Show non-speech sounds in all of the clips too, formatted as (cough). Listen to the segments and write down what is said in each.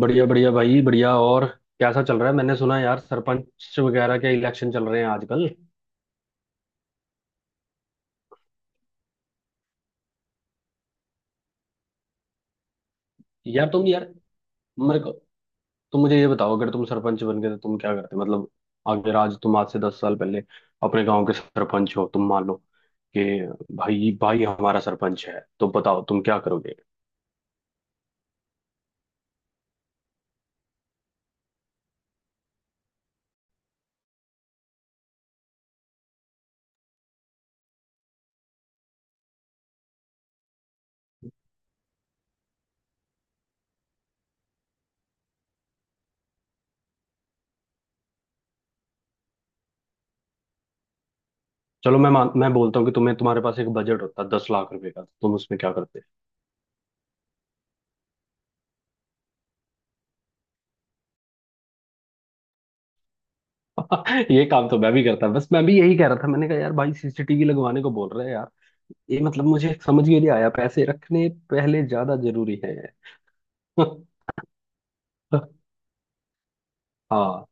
बढ़िया बढ़िया भाई, बढ़िया। और कैसा चल रहा है? मैंने सुना यार, सरपंच वगैरह के इलेक्शन चल रहे हैं आजकल। यार तुम यार मेरे को तुम मुझे ये बताओ, अगर तुम सरपंच बन गए तो तुम क्या करते? मतलब अगर आज तुम, आज से 10 साल पहले अपने गांव के सरपंच हो तुम, मान लो कि भाई भाई हमारा सरपंच है, तो बताओ तुम क्या करोगे। चलो मैं मान मैं बोलता हूँ कि तुम्हें, तुम्हारे पास एक बजट होता है 10 लाख रुपए का, तो तुम उसमें क्या। (laughs) ये काम तो मैं भी करता, बस मैं भी यही कह रहा था। मैंने कहा यार भाई सीसीटीवी लगवाने को बोल रहे हैं यार, ये मतलब मुझे समझ में नहीं आया, पैसे रखने पहले ज्यादा जरूरी है। (laughs) हाँ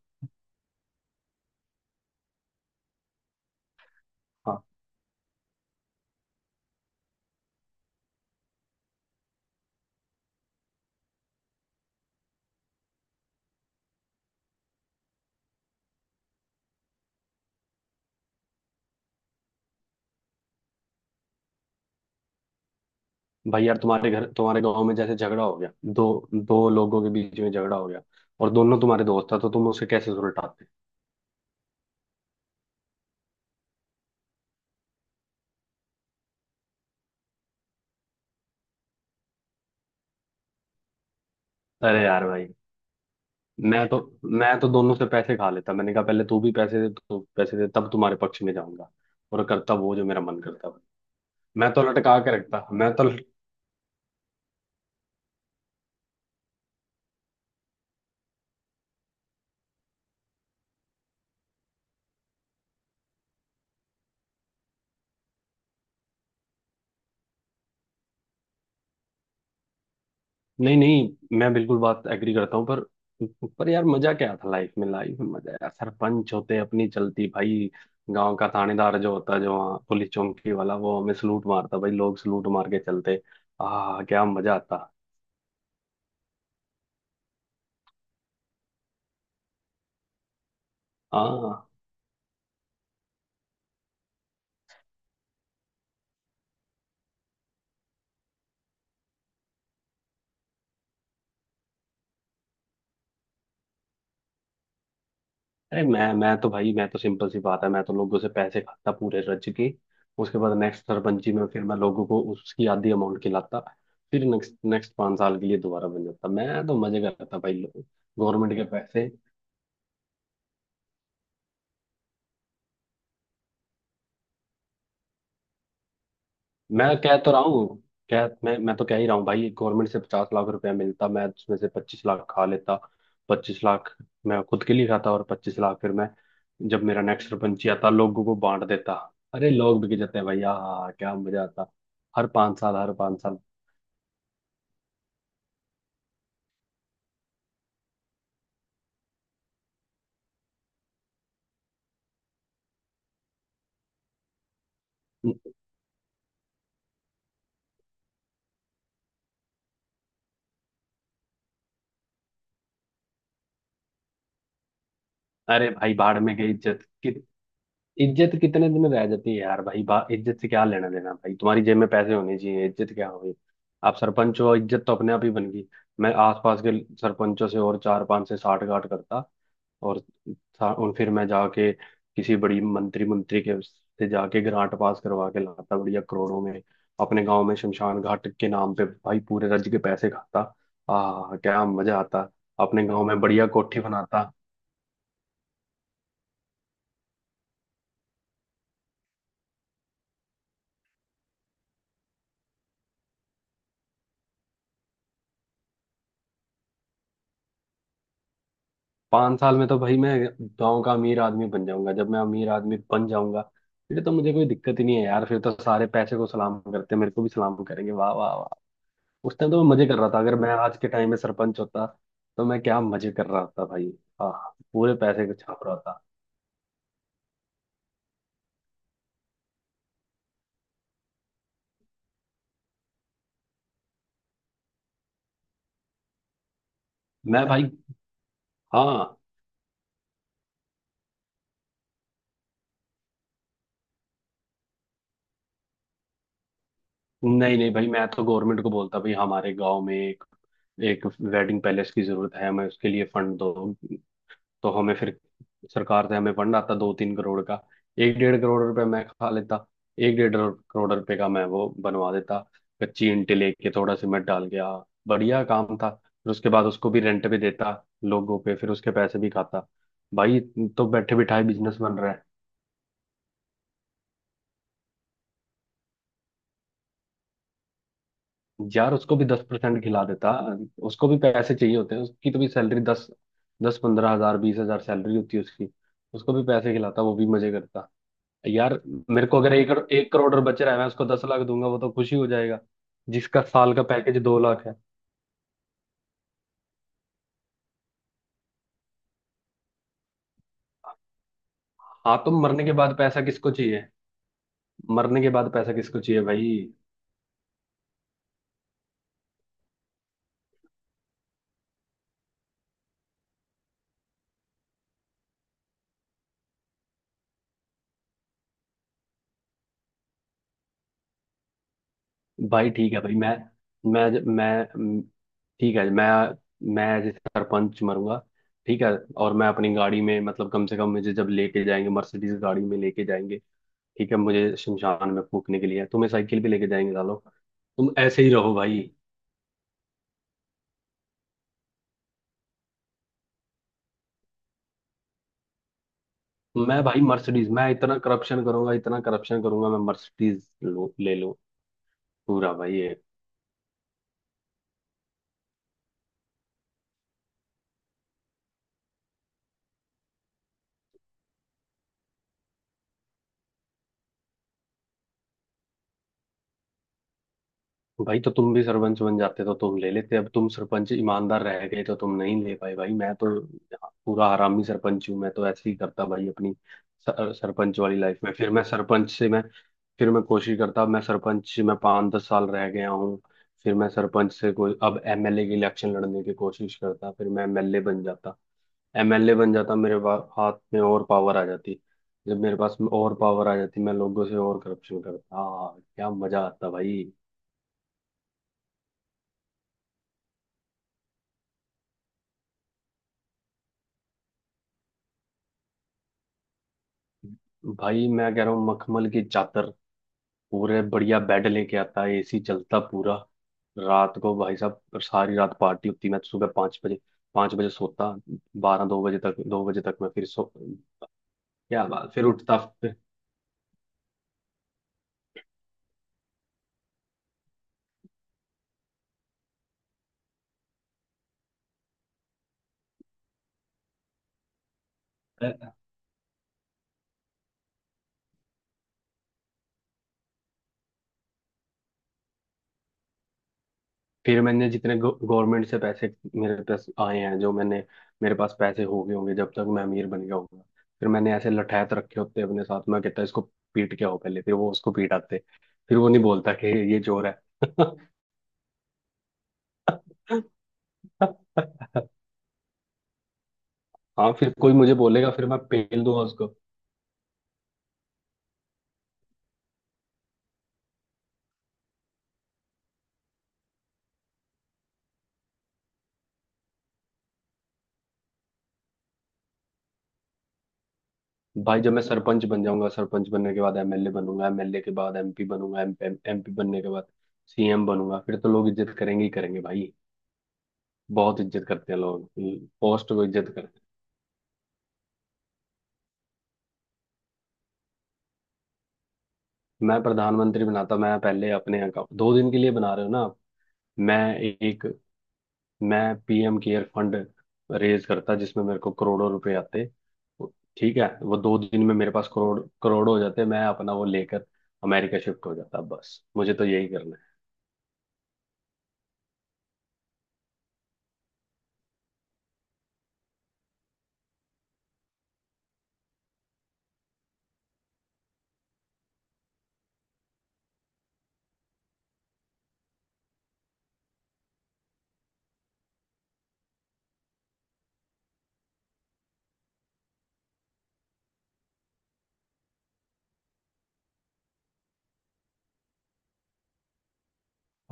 हाँ। भाई यार तुम्हारे घर, तुम्हारे गांव में जैसे झगड़ा हो गया, दो दो लोगों के बीच में झगड़ा हो गया और दोनों तुम्हारे दोस्त था, तो तुम उसे कैसे सुलटाते? अरे यार भाई, मैं तो मैं तो दोनों से पैसे खा लेता। मैंने कहा पहले तू भी पैसे दे, तू पैसे दे, तब तुम्हारे पक्ष में जाऊंगा। और करता वो, जो मेरा मन करता। मैं तो लटका के रखता मैं तो। नहीं नहीं, मैं बिल्कुल बात एग्री करता हूँ, पर यार मजा क्या था? लाइफ में मजा यार, सरपंच होते अपनी चलती भाई। गांव का थानेदार जो होता, जो वहाँ पुलिस चौकी वाला, वो हमें सलूट मारता, भाई लोग सलूट मार के चलते, आ क्या मजा आता। हाँ। अरे मैं तो सिंपल सी बात है, मैं तो लोगों से पैसे खाता पूरे रज के। उसके बाद नेक्स्ट सरपंची में फिर मैं लोगों को उसकी आधी अमाउंट खिलाता। फिर नेक्स्ट नेक्स्ट 5 साल के लिए दोबारा बन जाता, मैं तो मजे करता भाई। गवर्नमेंट के पैसे। मैं कह तो रहा हूँ, कह मैं तो कह ही रहा हूँ भाई, गवर्नमेंट से 50 लाख रुपया मिलता, मैं उसमें से 25 लाख खा लेता। 25 लाख मैं खुद के लिए खाता, और 25 लाख फिर मैं, जब मेरा नेक्स्ट सरपंची आता, लोगों को बांट देता। अरे लोग बिक जाते हैं भाई, हाँ क्या मजा आता। हर 5 साल, हर पाँच साल। अरे भाई भाड़ में गई इज्जत। इज्जत कितने दिन रह जाती है यार भाई? बा इज्जत से क्या लेना देना भाई, तुम्हारी जेब में पैसे होने चाहिए। इज्जत क्या होगी? आप सरपंच हो, इज्जत तो अपने आप ही बन गई। मैं आसपास के सरपंचों से और चार पांच से साठ गांठ करता, और और फिर मैं जाके किसी बड़ी मंत्री मंत्री के से जाके ग्रांट पास करवा के लाता बढ़िया करोड़ों में। अपने गांव में शमशान घाट के नाम पे भाई पूरे राज्य के पैसे खाता, आ क्या मजा आता। अपने गांव में बढ़िया कोठी बनाता। पाँच साल में तो भाई मैं गांव का अमीर आदमी बन जाऊंगा। जब मैं अमीर आदमी बन जाऊंगा, फिर तो मुझे कोई दिक्कत ही नहीं है यार। फिर तो सारे पैसे को सलाम करते हैं, मेरे को भी सलाम करेंगे। वाह वाह वाह। उस टाइम तो मैं मजे कर रहा था, अगर मैं आज के टाइम में सरपंच होता तो मैं क्या मजे कर रहा होता भाई। हाँ, पूरे पैसे को छाप रहा होता। मैं भाई। हाँ। नहीं नहीं भाई, मैं तो गवर्नमेंट को बोलता भाई, हमारे गाँव में एक एक वेडिंग पैलेस की जरूरत है, हमें उसके लिए फंड दो। तो हमें फिर सरकार से हमें फंड आता 2-3 करोड़ का। एक डेढ़ करोड़ रुपए मैं खा लेता, एक डेढ़ करोड़ रुपए का मैं वो बनवा देता, कच्ची ईंटें लेके थोड़ा सीमेंट डाल के आ, बढ़िया काम था। फिर उसके बाद उसको भी रेंट पे देता लोगों पे, फिर उसके पैसे भी खाता भाई, तो बैठे बिठाए बिजनेस बन रहा है। यार उसको भी 10% खिला देता। उसको भी पैसे चाहिए होते हैं, उसकी तो भी सैलरी दस, 10-15 हजार, 20 हजार सैलरी होती है उसकी। उसको भी पैसे खिलाता, वो भी मजे करता। यार मेरे को अगर 1 करोड़ बच रहा है, मैं उसको 10 लाख दूंगा, वो तो खुशी हो जाएगा, जिसका साल का पैकेज 2 लाख है। हाँ, तो मरने के बाद पैसा किसको चाहिए? मरने के बाद पैसा किसको चाहिए भाई? भाई ठीक है भाई, मैं मैं म, ठीक है, मैं एज सरपंच मरूंगा। ठीक है, और मैं अपनी गाड़ी में, मतलब कम से कम मुझे जब लेके जाएंगे, मर्सिडीज गाड़ी में लेके जाएंगे। ठीक है, मुझे शमशान में फूकने के लिए तुम्हें साइकिल भी लेके जाएंगे सालों। तुम ऐसे ही रहो भाई। मैं भाई मर्सिडीज, मैं इतना करप्शन करूंगा, इतना करप्शन करूंगा, मैं मर्सिडीज ले लूं पूरा भाई ये। भाई तो तुम भी सरपंच बन जाते तो तुम ले लेते, अब तुम सरपंच ईमानदार रह गए तो तुम नहीं ले पाए भाई। मैं तो पूरा हरामी सरपंच हूँ, मैं तो ऐसे ही करता भाई अपनी सरपंच वाली लाइफ में। फिर मैं सरपंच से मैं, फिर मैं कोशिश करता, मैं सरपंच मैं 5-10 साल रह गया हूँ, फिर मैं सरपंच से कोई अब एमएलए के इलेक्शन लड़ने की कोशिश करता, फिर मैं एमएलए बन जाता। एमएलए बन जाता, मेरे हाथ में और पावर आ जाती। जब मेरे पास में और पावर आ जाती, मैं लोगों से और करप्शन करता, हाँ क्या मजा आता भाई। भाई मैं कह रहा हूँ, मखमल की चादर, पूरे बढ़िया बेड लेके आता, एसी चलता पूरा। रात को भाई साहब सारी रात पार्टी होती, मैं तो सुबह पाँच बजे सोता। बारह दो बजे तक मैं फिर सो, क्या बात, फिर उठता। फिर फिर मैंने जितने गवर्नमेंट से पैसे मेरे पास आए हैं, जो मैंने, मेरे पास पैसे हो गए होंगे जब तक मैं अमीर बन गया होगा, फिर मैंने ऐसे लठैत रखे होते हैं अपने साथ, मैं कहता इसको पीट के आओ पहले, फिर वो उसको पीटाते, फिर वो नहीं बोलता कि ये चोर है। (laughs) हाँ, फिर कोई मुझे बोलेगा फिर मैं पेल दूंगा उसको। भाई जब मैं सरपंच बन जाऊंगा, सरपंच बनने के बाद एमएलए बनूंगा, एमएलए के बाद एमपी बनूंगा, एमपी बनने के बाद सीएम बनूंगा, फिर तो लोग इज्जत करेंगे ही करेंगे भाई। बहुत इज्जत करते हैं लोग पोस्ट को, इज्जत। मैं प्रधानमंत्री बनाता, मैं पहले अपने अकाउंट, 2 दिन के लिए बना रहे हो ना आप? मैं एक, मैं पीएम केयर फंड रेज करता, जिसमें मेरे को करोड़ों रुपए आते। ठीक है, वो 2 दिन में मेरे पास करोड़ करोड़ हो जाते, मैं अपना वो लेकर अमेरिका शिफ्ट हो जाता, बस मुझे तो यही करना है।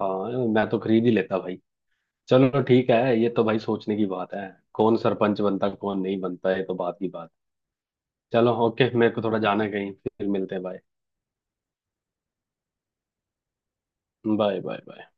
हाँ मैं तो खरीद ही लेता भाई। चलो ठीक है, ये तो भाई सोचने की बात है, कौन सरपंच बनता कौन नहीं बनता, ये तो बात की बात। चलो ओके, मेरे को थोड़ा जाना है कहीं, फिर मिलते हैं, बाय बाय बाय बाय।